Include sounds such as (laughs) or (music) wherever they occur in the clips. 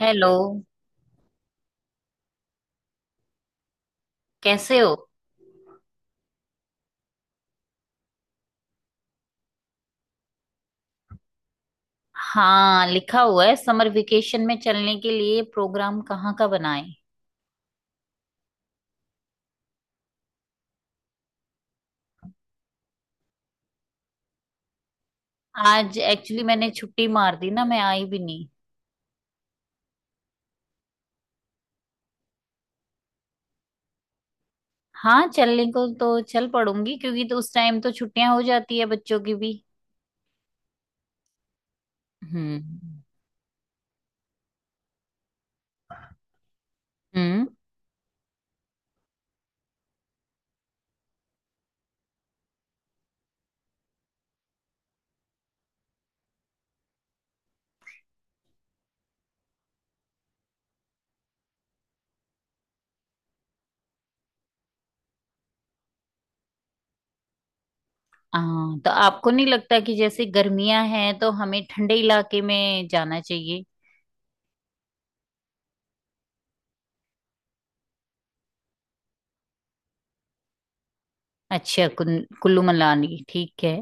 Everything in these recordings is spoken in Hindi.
हेलो। कैसे हो? हाँ, लिखा हुआ है, समर वेकेशन में चलने के लिए प्रोग्राम कहाँ का बनाएं। आज एक्चुअली मैंने छुट्टी मार दी ना, मैं आई भी नहीं। हाँ, चलने को तो चल पड़ूंगी, क्योंकि तो उस टाइम तो छुट्टियां हो जाती है बच्चों की भी। हम्म। हम्म। हाँ, तो आपको नहीं लगता कि जैसे गर्मियां हैं तो हमें ठंडे इलाके में जाना चाहिए? अच्छा, कुल्लू मनाली ठीक है।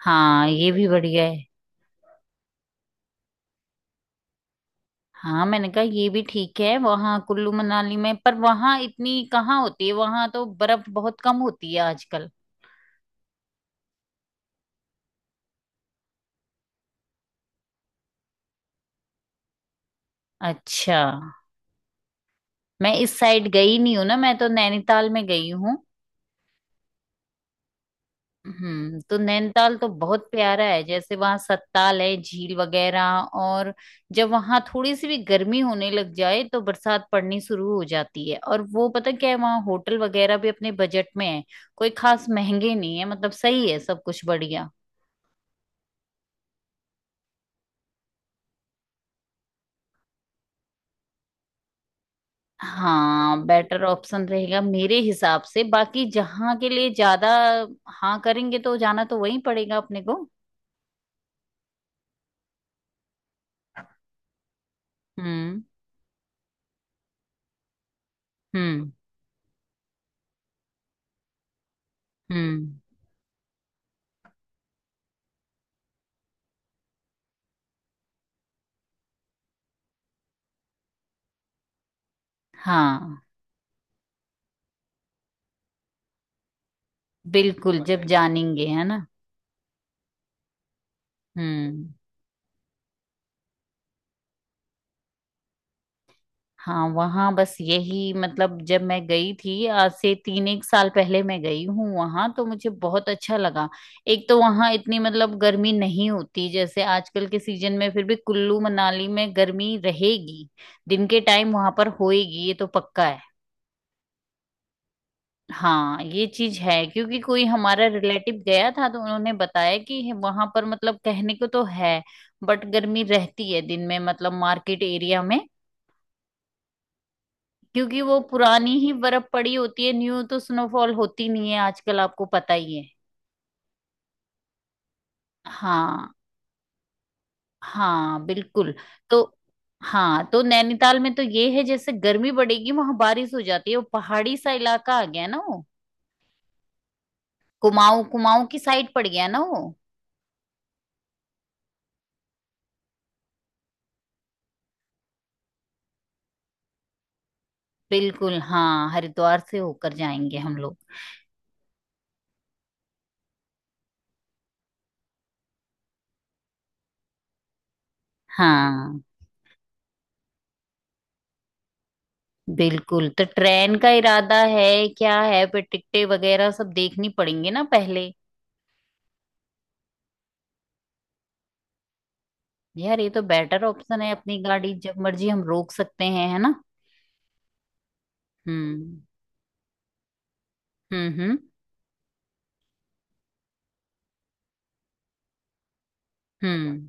हाँ, ये भी बढ़िया है। हाँ, मैंने कहा ये भी ठीक है वहाँ कुल्लू मनाली में, पर वहाँ इतनी कहाँ होती है, वहाँ तो बर्फ बहुत कम होती है आजकल। अच्छा। मैं इस साइड गई नहीं हूँ ना, मैं तो नैनीताल में गई हूँ। तो नैनीताल तो बहुत प्यारा है, जैसे वहाँ सत्ताल है, झील वगैरह। और जब वहाँ थोड़ी सी भी गर्मी होने लग जाए तो बरसात पड़नी शुरू हो जाती है। और वो पता क्या है, वहाँ होटल वगैरह भी अपने बजट में है। कोई खास महंगे नहीं है, मतलब सही है सब कुछ, बढ़िया। हाँ, बेटर ऑप्शन रहेगा मेरे हिसाब से, बाकी जहाँ के लिए ज्यादा। हाँ, करेंगे तो जाना तो वहीं पड़ेगा अपने को। हम्म। हम्म। हम्म। हाँ बिल्कुल, जब जानेंगे, है ना? हम्म। हाँ, वहाँ बस यही, मतलब जब मैं गई थी, आज से तीन एक साल पहले मैं गई हूँ वहाँ, तो मुझे बहुत अच्छा लगा। एक तो वहाँ इतनी, मतलब गर्मी नहीं होती, जैसे आजकल के सीजन में फिर भी कुल्लू मनाली में गर्मी रहेगी। दिन के टाइम वहाँ पर होएगी, ये तो पक्का है। हाँ ये चीज है, क्योंकि कोई हमारा रिलेटिव गया था तो उन्होंने बताया कि वहां पर, मतलब कहने को तो है, बट गर्मी रहती है दिन में, मतलब मार्केट एरिया में। क्योंकि वो पुरानी ही बर्फ पड़ी होती है, न्यू तो स्नोफॉल होती नहीं है आजकल, आपको पता ही है। हाँ। हाँ बिल्कुल। तो, हाँ, तो नैनीताल में तो ये है, जैसे गर्मी बढ़ेगी वहां बारिश हो जाती है, वो पहाड़ी सा इलाका आ गया ना वो। कुमाऊं, कुमाऊं की साइड पड़ गया ना वो। बिल्कुल, हाँ, हरिद्वार से होकर जाएंगे हम लोग। हाँ बिल्कुल, तो ट्रेन का इरादा है क्या? है, फिर टिकटें वगैरह सब देखनी पड़ेंगे ना पहले। यार, ये तो बेटर ऑप्शन है, अपनी गाड़ी जब मर्जी हम रोक सकते हैं, है ना? हम्म। हम्म। हम्म। हम्म।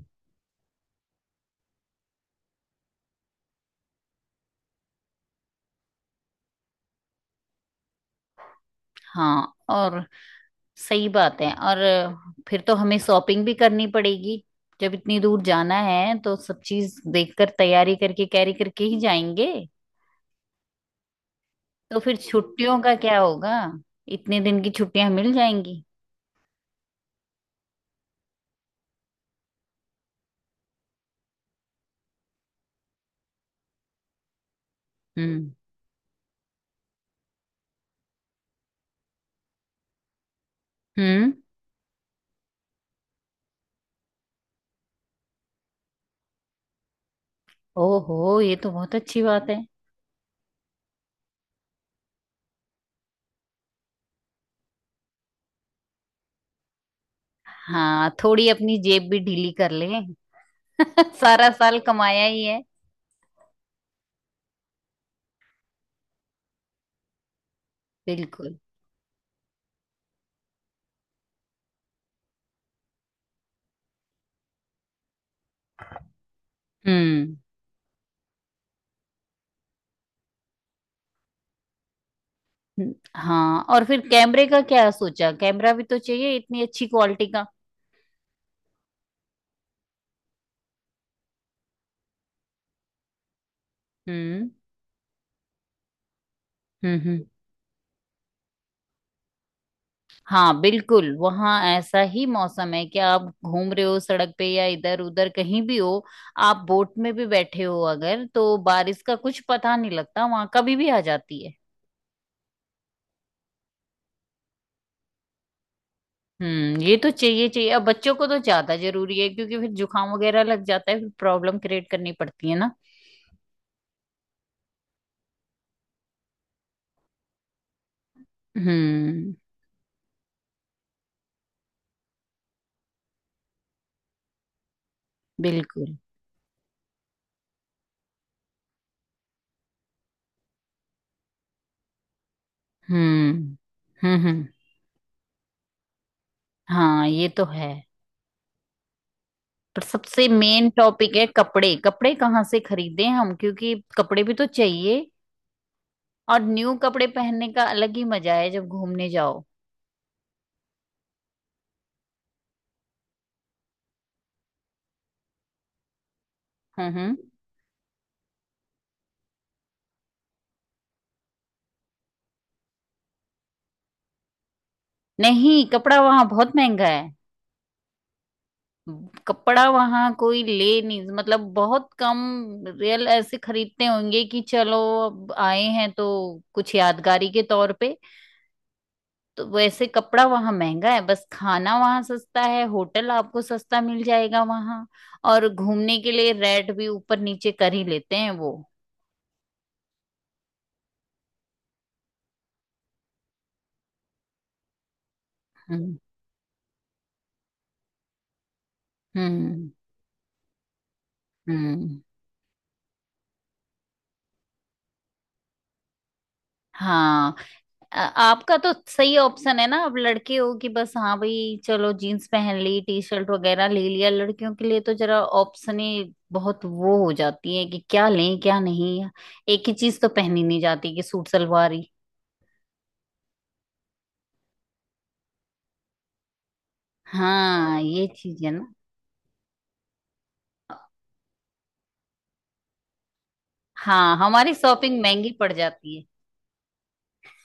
हाँ और, सही बात है, और फिर तो हमें शॉपिंग भी करनी पड़ेगी। जब इतनी दूर जाना है तो सब चीज देखकर, तैयारी करके, कैरी करके ही जाएंगे। तो फिर छुट्टियों का क्या होगा, इतने दिन की छुट्टियां मिल जाएंगी? हम्म। हम्म। ओहो, ये तो बहुत अच्छी बात है। हाँ, थोड़ी अपनी जेब भी ढीली कर लें। (laughs) सारा साल कमाया ही है। बिल्कुल। हम्म। हाँ, और फिर कैमरे का क्या सोचा? कैमरा भी तो चाहिए इतनी अच्छी क्वालिटी का। हम्म। हम्म। हम्म। हाँ बिल्कुल, वहाँ ऐसा ही मौसम है कि आप घूम रहे हो सड़क पे या इधर उधर कहीं भी हो, आप बोट में भी बैठे हो अगर, तो बारिश का कुछ पता नहीं लगता, वहाँ कभी भी आ जाती है। ये तो चाहिए चाहिए, अब बच्चों को तो ज्यादा जरूरी है, क्योंकि फिर जुकाम वगैरह लग जाता है, फिर प्रॉब्लम क्रिएट करनी पड़ती है ना। हम्म। बिल्कुल। हम्म। हम्म। हम्म। हाँ ये तो है। पर सबसे मेन टॉपिक है कपड़े, कपड़े कहाँ से खरीदें हम, क्योंकि कपड़े भी तो चाहिए। और न्यू कपड़े पहनने का अलग ही मजा है जब घूमने जाओ। हम्म। हम्म। नहीं, कपड़ा वहाँ बहुत महंगा है। कपड़ा वहाँ कोई ले नहीं, मतलब बहुत कम। रियल ऐसे खरीदते होंगे कि चलो, अब आए हैं तो कुछ यादगारी के तौर पे। तो वैसे कपड़ा वहां महंगा है, बस खाना वहां सस्ता है, होटल आपको सस्ता मिल जाएगा वहां। और घूमने के लिए रेट भी ऊपर नीचे कर ही लेते हैं वो। हम्म। हम्म। हम्म। हाँ, आपका तो सही ऑप्शन है ना, आप लड़के हो कि बस हाँ भाई चलो, जीन्स पहन ली, टी शर्ट वगैरह ले लिया। लड़कियों के लिए तो जरा ऑप्शन ही बहुत वो हो जाती है कि क्या लें क्या नहीं। एक ही चीज तो पहनी नहीं जाती कि सूट सलवार ही। हाँ ये चीज है। हाँ, हमारी शॉपिंग महंगी पड़ जाती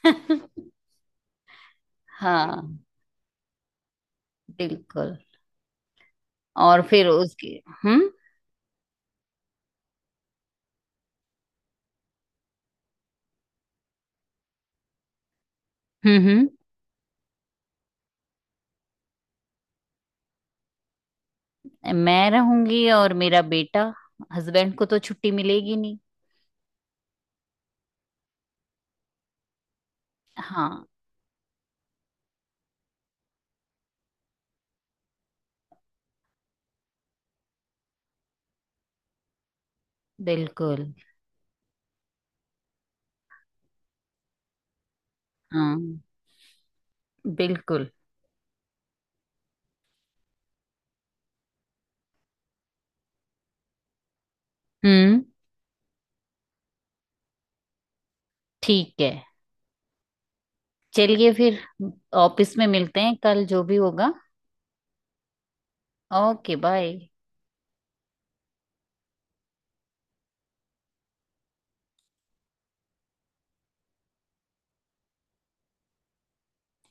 है। (laughs) हाँ बिल्कुल। और फिर उसके। हम्म। हम्म। हम्म। मैं रहूंगी और मेरा बेटा। हस्बैंड को तो छुट्टी मिलेगी नहीं। हाँ बिल्कुल। हाँ बिल्कुल। हम्म। ठीक है, चलिए फिर ऑफिस में मिलते हैं कल, जो भी होगा। Okay, bye.